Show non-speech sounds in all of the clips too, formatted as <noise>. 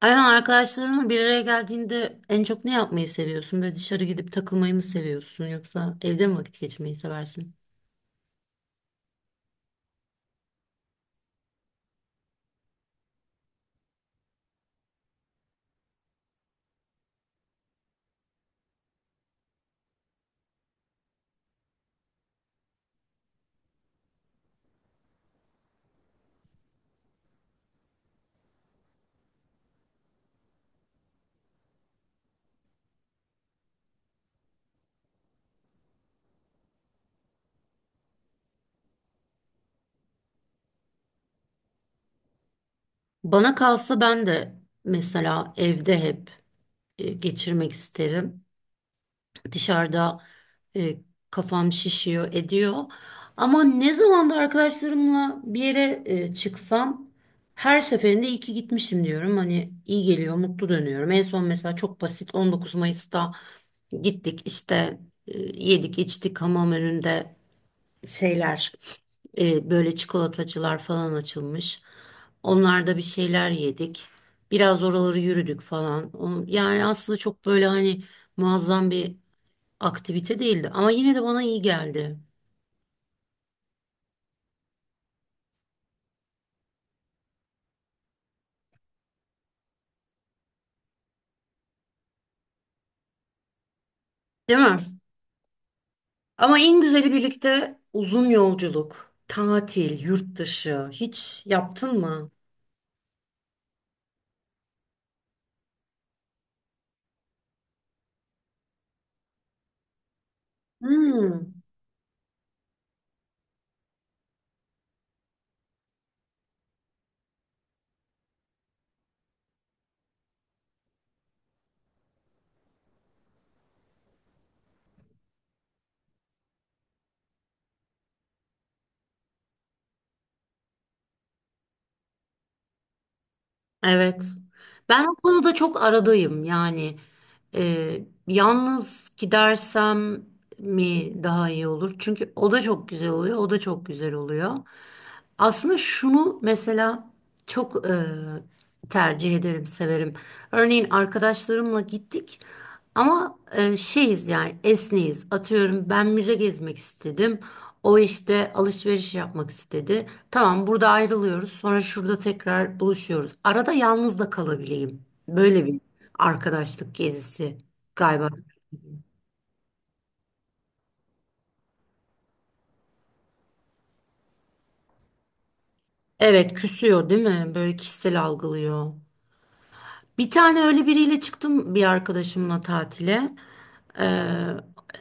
Aynen, arkadaşlarınla bir araya geldiğinde en çok ne yapmayı seviyorsun? Böyle dışarı gidip takılmayı mı seviyorsun yoksa evde mi vakit geçirmeyi seversin? Bana kalsa ben de mesela evde hep geçirmek isterim. Dışarıda e, kafam şişiyor, ediyor. Ama ne zaman da arkadaşlarımla bir yere çıksam her seferinde iyi ki gitmişim diyorum. Hani iyi geliyor, mutlu dönüyorum. En son mesela çok basit 19 Mayıs'ta gittik işte, e, yedik içtik hamam önünde şeyler, böyle çikolatacılar falan açılmış. Onlarda bir şeyler yedik. Biraz oraları yürüdük falan. Yani aslında çok böyle hani muazzam bir aktivite değildi ama yine de bana iyi geldi. Değil mi? Ama en güzeli birlikte uzun yolculuk, tatil, yurt dışı hiç yaptın mı? Hmm. Evet. Ben o konuda çok aradayım. Yani yalnız gidersem mi daha iyi olur? Çünkü o da çok güzel oluyor, o da çok güzel oluyor. Aslında şunu mesela çok tercih ederim, severim. Örneğin arkadaşlarımla gittik. Ama şeyiz yani, esneyiz. Atıyorum, ben müze gezmek istedim. O işte alışveriş yapmak istedi. Tamam, burada ayrılıyoruz. Sonra şurada tekrar buluşuyoruz. Arada yalnız da kalabileyim. Böyle bir arkadaşlık gezisi galiba. Evet, küsüyor değil mi? Böyle kişisel algılıyor. Bir tane öyle biriyle çıktım, bir arkadaşımla tatile. Ee,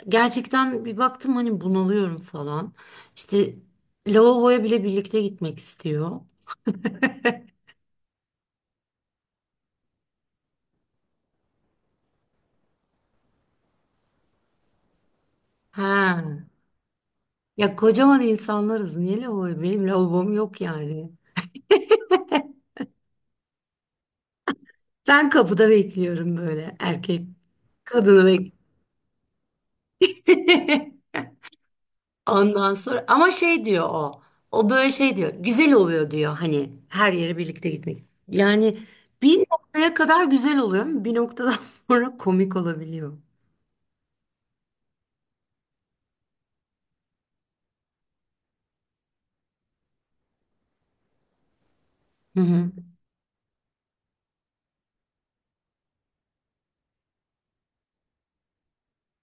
gerçekten bir baktım hani bunalıyorum falan. İşte lavaboya bile birlikte gitmek istiyor. Ha. Ya, kocaman insanlarız. Niye lavaboya? Benim lavabom yok yani. Ben kapıda bekliyorum böyle erkek kadını bek. <laughs> Ondan sonra ama şey diyor o. O böyle şey diyor. Güzel oluyor diyor hani her yere birlikte gitmek. Yani bir noktaya kadar güzel oluyor ama bir noktadan <laughs> sonra komik olabiliyor. Hı hı.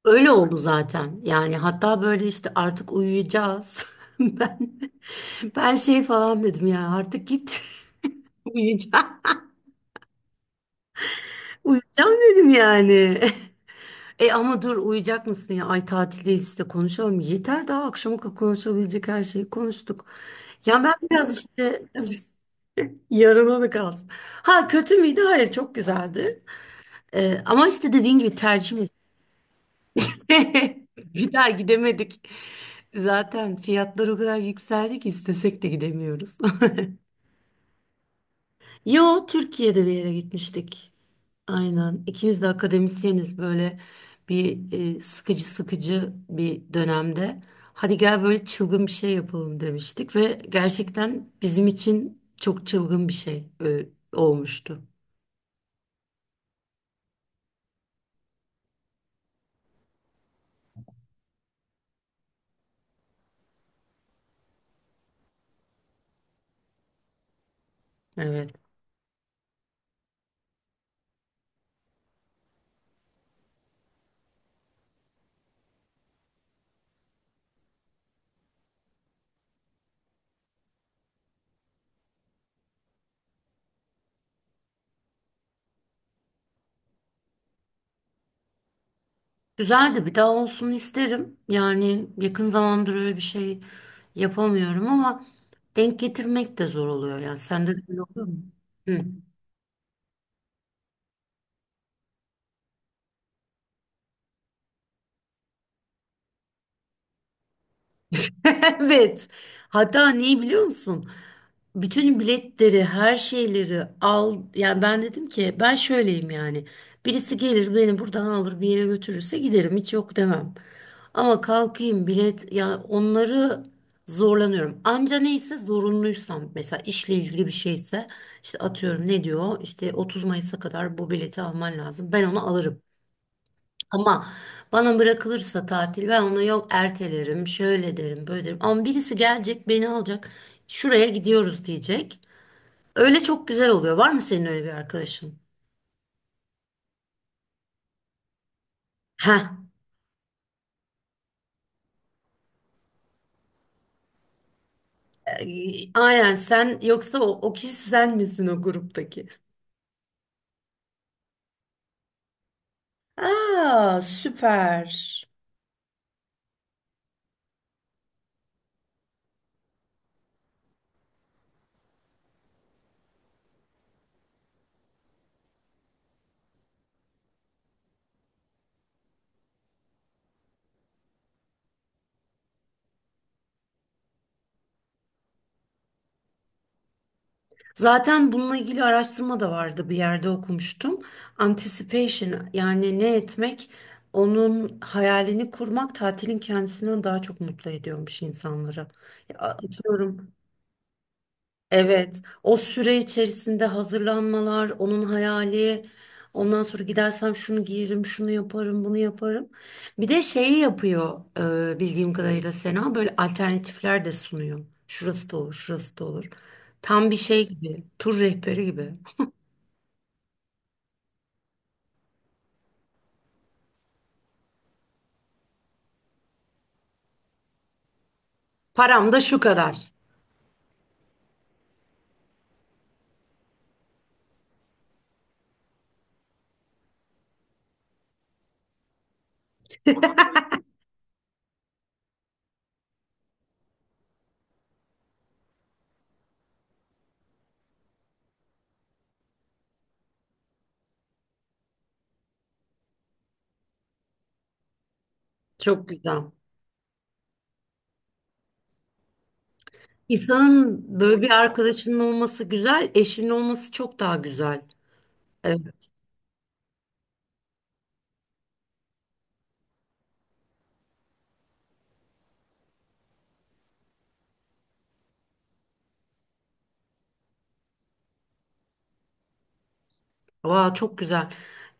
Öyle oldu zaten. Yani hatta böyle işte artık uyuyacağız. <laughs> Ben ben şey falan dedim ya, artık git <laughs> uyuyacağım. Uyuyacağım dedim yani. <laughs> E ama dur, uyuyacak mısın ya? Ay, tatildeyiz işte, konuşalım. Yeter, daha akşama kadar konuşabilecek her şeyi konuştuk. Ya ben biraz işte, <laughs> yarına da kalsın. Ha, kötü müydü? Hayır, çok güzeldi. E, ama işte dediğin gibi tercih meselesi. <laughs> Bir daha gidemedik. Zaten fiyatlar o kadar yükseldi ki istesek de gidemiyoruz. <laughs> Yo, Türkiye'de bir yere gitmiştik. Aynen. İkimiz de akademisyeniz, böyle bir sıkıcı bir dönemde. Hadi gel, böyle çılgın bir şey yapalım demiştik ve gerçekten bizim için çok çılgın bir şey olmuştu. Evet. Güzeldi. Bir daha olsun isterim. Yani yakın zamandır öyle bir şey yapamıyorum ama denk getirmek de zor oluyor. Yani sende de öyle oluyor mu? Hı. <laughs> Evet. Hatta neyi biliyor musun? Bütün biletleri, her şeyleri al. Yani ben dedim ki ben şöyleyim yani. Birisi gelir beni buradan alır bir yere götürürse giderim, hiç yok demem. Ama kalkayım bilet ya, onları zorlanıyorum. Anca neyse zorunluysam, mesela işle ilgili bir şeyse işte atıyorum, ne diyor işte 30 Mayıs'a kadar bu bileti alman lazım. Ben onu alırım. Ama bana bırakılırsa tatil, ben ona yok ertelerim, şöyle derim, böyle derim. Ama birisi gelecek, beni alacak, şuraya gidiyoruz diyecek. Öyle çok güzel oluyor. Var mı senin öyle bir arkadaşın? Ha, aynen, sen yoksa o kişi sen misin o gruptaki? Aa, süper. Zaten bununla ilgili araştırma da vardı, bir yerde okumuştum. Anticipation, yani ne etmek, onun hayalini kurmak tatilin kendisinden daha çok mutlu ediyormuş insanları. Ya, atıyorum, evet, o süre içerisinde hazırlanmalar, onun hayali, ondan sonra gidersem şunu giyerim, şunu yaparım, bunu yaparım. Bir de şeyi yapıyor bildiğim kadarıyla Sena, böyle alternatifler de sunuyor. Şurası da olur, şurası da olur. Tam bir şey gibi, tur rehberi gibi. Param da şu kadar. Çok güzel. İnsanın böyle bir arkadaşının olması güzel, eşinin olması çok daha güzel. Evet. Aa, çok güzel.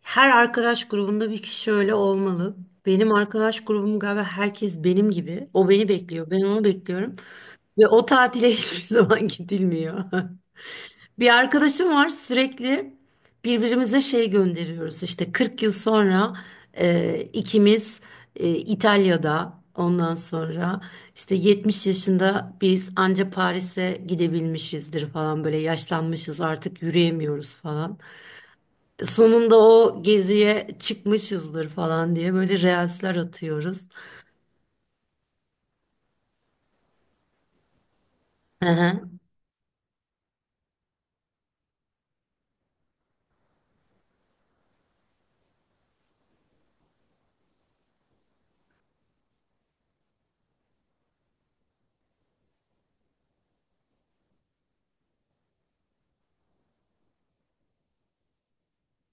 Her arkadaş grubunda bir kişi öyle olmalı. Benim arkadaş grubum galiba herkes benim gibi. O beni bekliyor, ben onu bekliyorum. Ve o tatile <laughs> hiçbir zaman gidilmiyor. <laughs> Bir arkadaşım var, sürekli birbirimize şey gönderiyoruz. İşte 40 yıl sonra ikimiz İtalya'da, ondan sonra işte 70 yaşında biz anca Paris'e gidebilmişizdir falan, böyle yaşlanmışız artık, yürüyemiyoruz falan, sonunda o geziye çıkmışızdır falan diye böyle reelsler atıyoruz. Hı hı,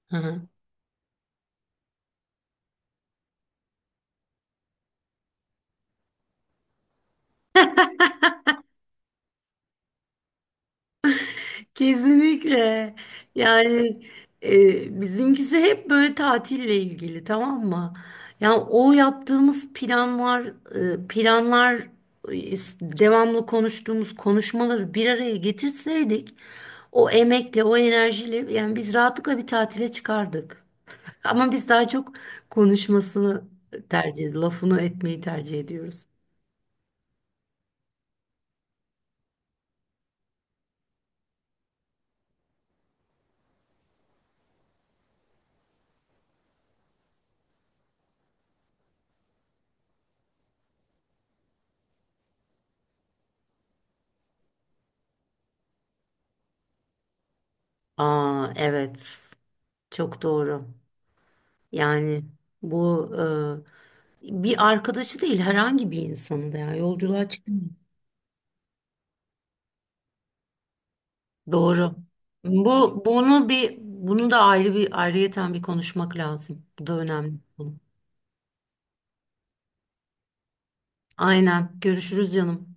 hı hı. Kesinlikle. Yani bizimkisi hep böyle tatille ilgili, tamam mı? Yani o yaptığımız planlar, e, planlar e, devamlı konuştuğumuz konuşmaları bir araya getirseydik o emekle, o enerjiyle yani biz rahatlıkla bir tatile çıkardık. Ama biz daha çok konuşmasını tercih ediyoruz. Lafını etmeyi tercih ediyoruz. Aa, evet. Çok doğru. Yani bu bir arkadaşı değil, herhangi bir insanı da yani, yolculuğa çıkın. Doğru. Bu bunu bir bunu da ayrı bir ayrıyeten bir konuşmak lazım. Bu da önemli bir konu. Aynen. Görüşürüz canım.